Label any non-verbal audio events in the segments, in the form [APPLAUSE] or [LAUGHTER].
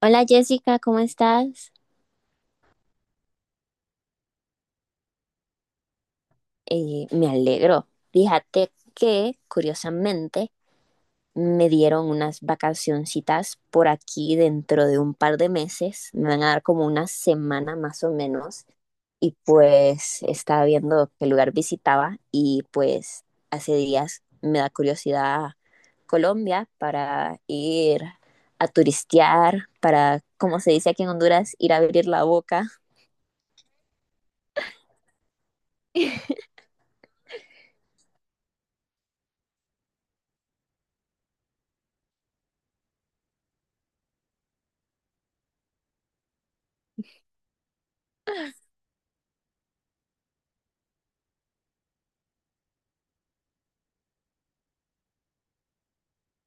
Hola Jessica, ¿cómo estás? Me alegro. Fíjate que, curiosamente, me dieron unas vacacioncitas por aquí dentro de un par de meses. Me van a dar como una semana más o menos. Y pues estaba viendo qué lugar visitaba y pues hace días me da curiosidad Colombia para ir a turistear, para, como se dice aquí en Honduras, ir a abrir la boca.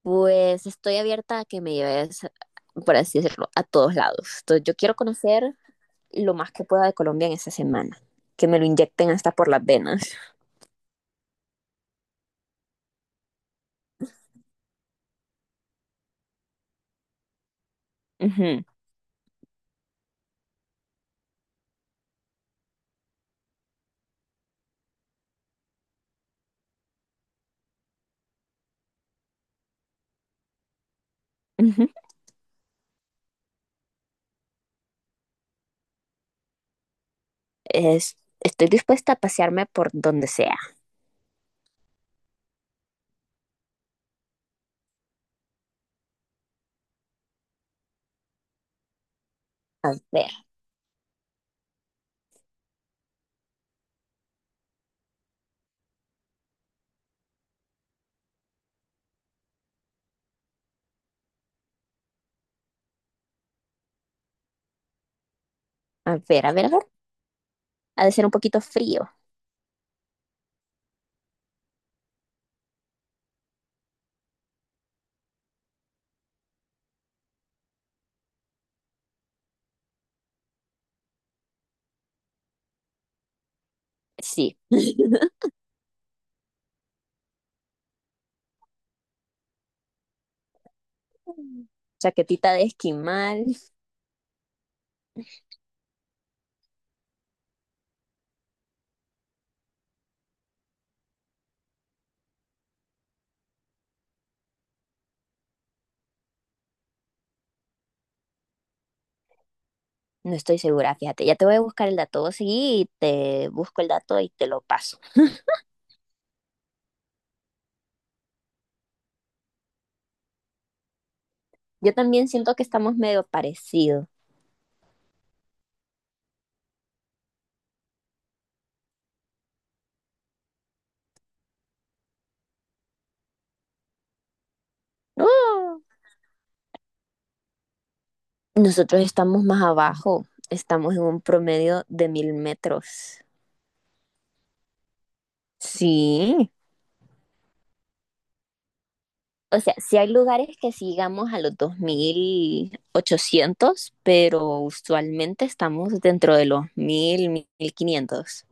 Pues estoy abierta a que me lleves, por así decirlo, a todos lados. Entonces, yo quiero conocer lo más que pueda de Colombia en esta semana, que me lo inyecten hasta por las venas. Ujú, ujú. Estoy dispuesta a pasearme por donde sea. A ver, a ver, a ver, a ver. Ha de ser un poquito frío. Sí. [LAUGHS] Chaquetita de esquimal. No estoy segura, fíjate. Ya te voy a buscar el dato. Vos seguí y te busco el dato y te lo paso. Yo también siento que estamos medio parecidos. ¡No! Nosotros estamos más abajo, estamos en un promedio de mil metros. Sí. O sea, sí hay lugares que sí llegamos a los 2800, pero usualmente estamos dentro de los mil, 1500.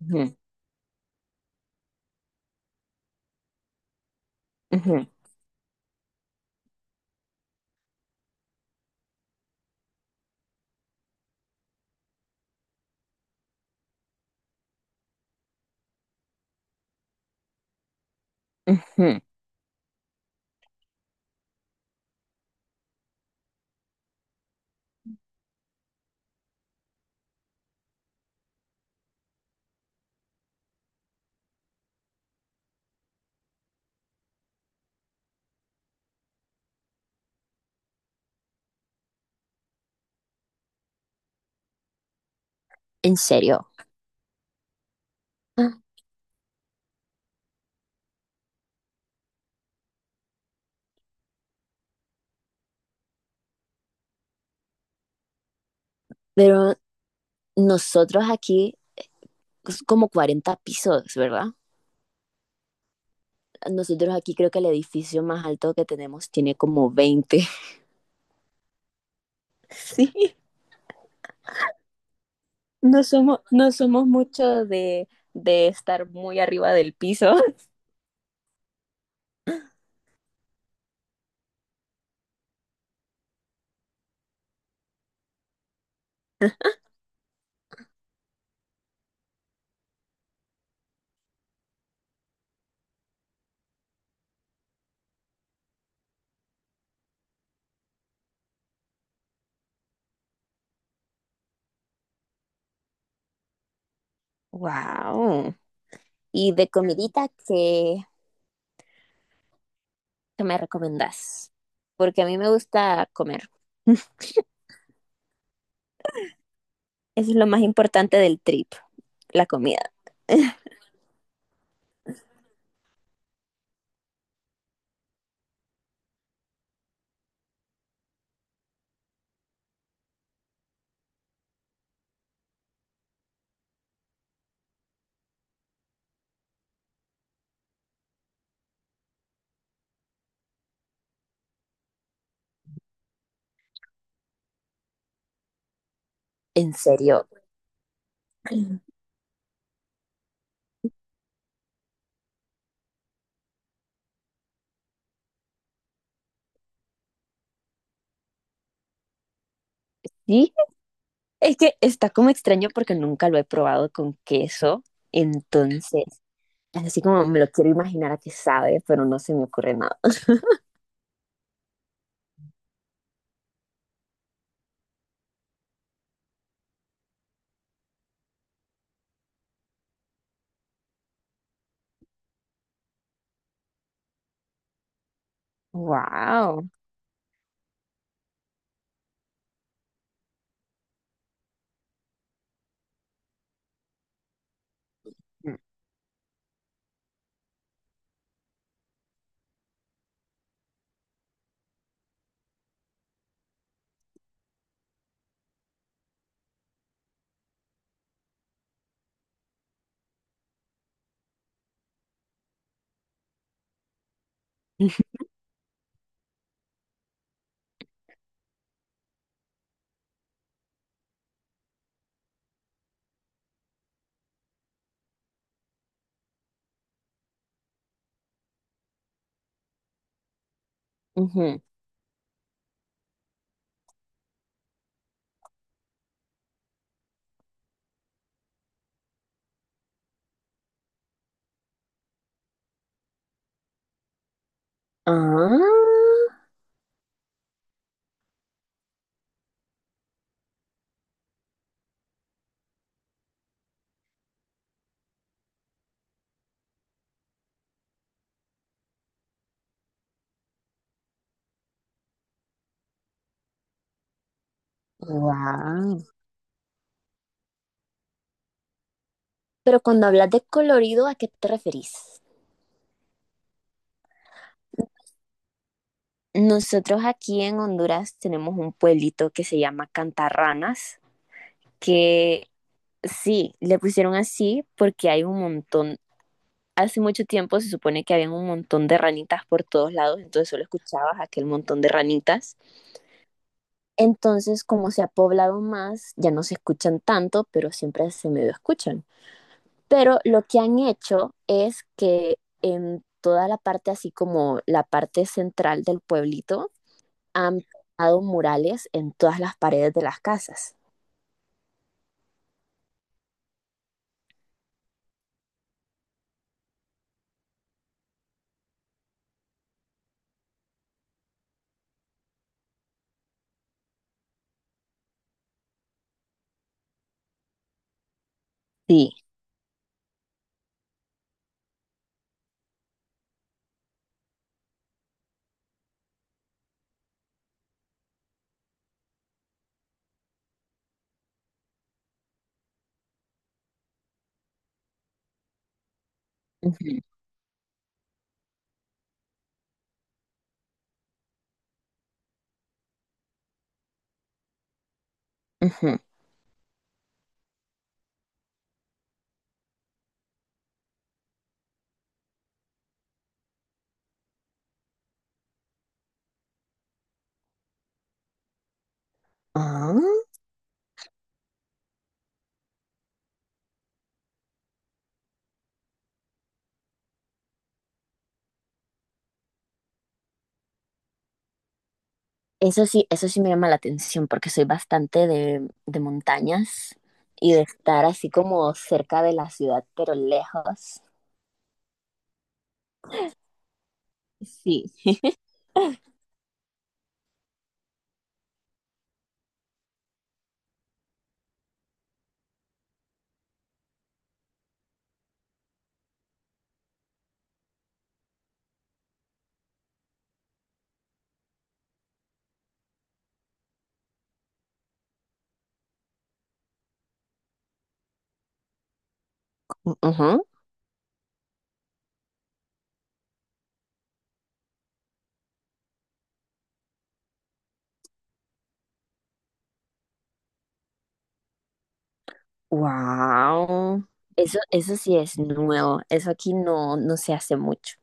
Ujú, ujú, ujú. En serio. Ah, pero nosotros aquí, es como 40 pisos, ¿verdad? Nosotros aquí creo que el edificio más alto que tenemos tiene como 20. [LAUGHS] Sí. No somos mucho de estar muy arriba del piso. [LAUGHS] Wow. ¿Y de comidita qué, qué me recomendás? Porque a mí me gusta comer. [LAUGHS] Eso es lo más importante del trip, la comida. En serio. Sí, es que está como extraño porque nunca lo he probado con queso. Entonces, así como me lo quiero imaginar a qué sabe, pero no se me ocurre nada. Wow. [LAUGHS] Ujú. Ah, wow. Pero cuando hablas de colorido, ¿a qué te referís? Nosotros aquí en Honduras tenemos un pueblito que se llama Cantarranas, que sí, le pusieron así porque hay un montón, hace mucho tiempo se supone que había un montón de ranitas por todos lados, entonces solo escuchabas aquel montón de ranitas. Entonces, como se ha poblado más, ya no se escuchan tanto, pero siempre se medio escuchan. Pero lo que han hecho es que en toda la parte, así como la parte central del pueblito, han pintado murales en todas las paredes de las casas. Sí. Ujú, ujú. Ah, eso sí, eso sí me llama la atención porque soy bastante de montañas y de estar así como cerca de la ciudad, pero lejos. Sí. Wow. Eso sí es nuevo. Eso aquí no, no se hace mucho.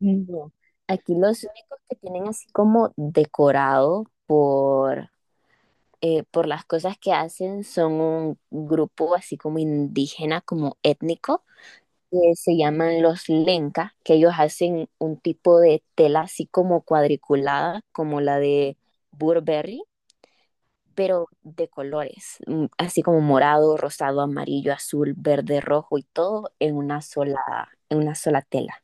No, aquí los únicos que tienen así como decorado por las cosas que hacen son un grupo así como indígena, como étnico, que se llaman los Lenca, que ellos hacen un tipo de tela así como cuadriculada, como la de Burberry, pero de colores, así como morado, rosado, amarillo, azul, verde, rojo y todo en una sola tela.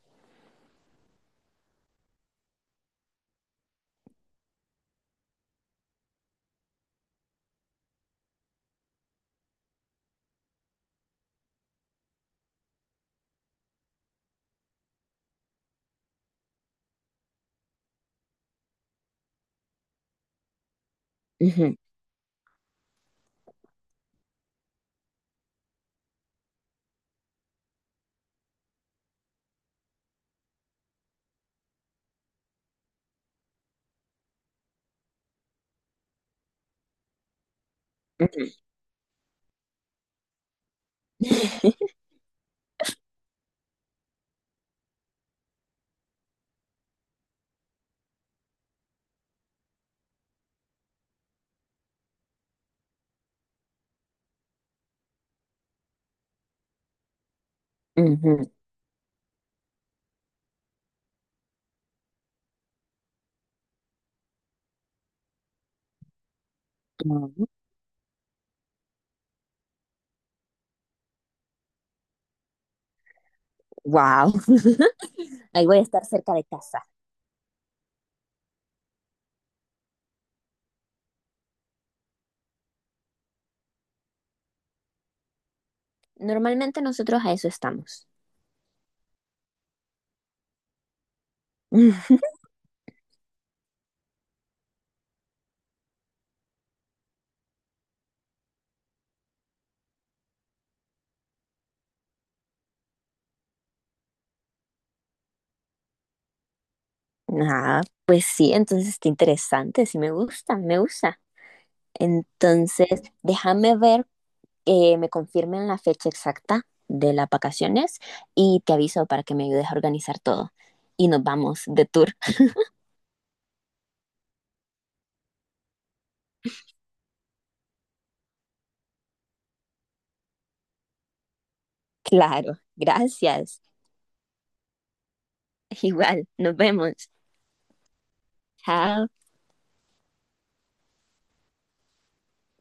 [LAUGHS] Wow, ahí voy a estar cerca de casa. Normalmente nosotros a eso estamos. [LAUGHS] Ah, pues sí, entonces está interesante, sí me gusta, me gusta. Entonces, déjame ver que me confirmen la fecha exacta de las vacaciones y te aviso para que me ayudes a organizar todo. Y nos vamos de tour. [LAUGHS] Claro, gracias. Igual, nos vemos. Chao.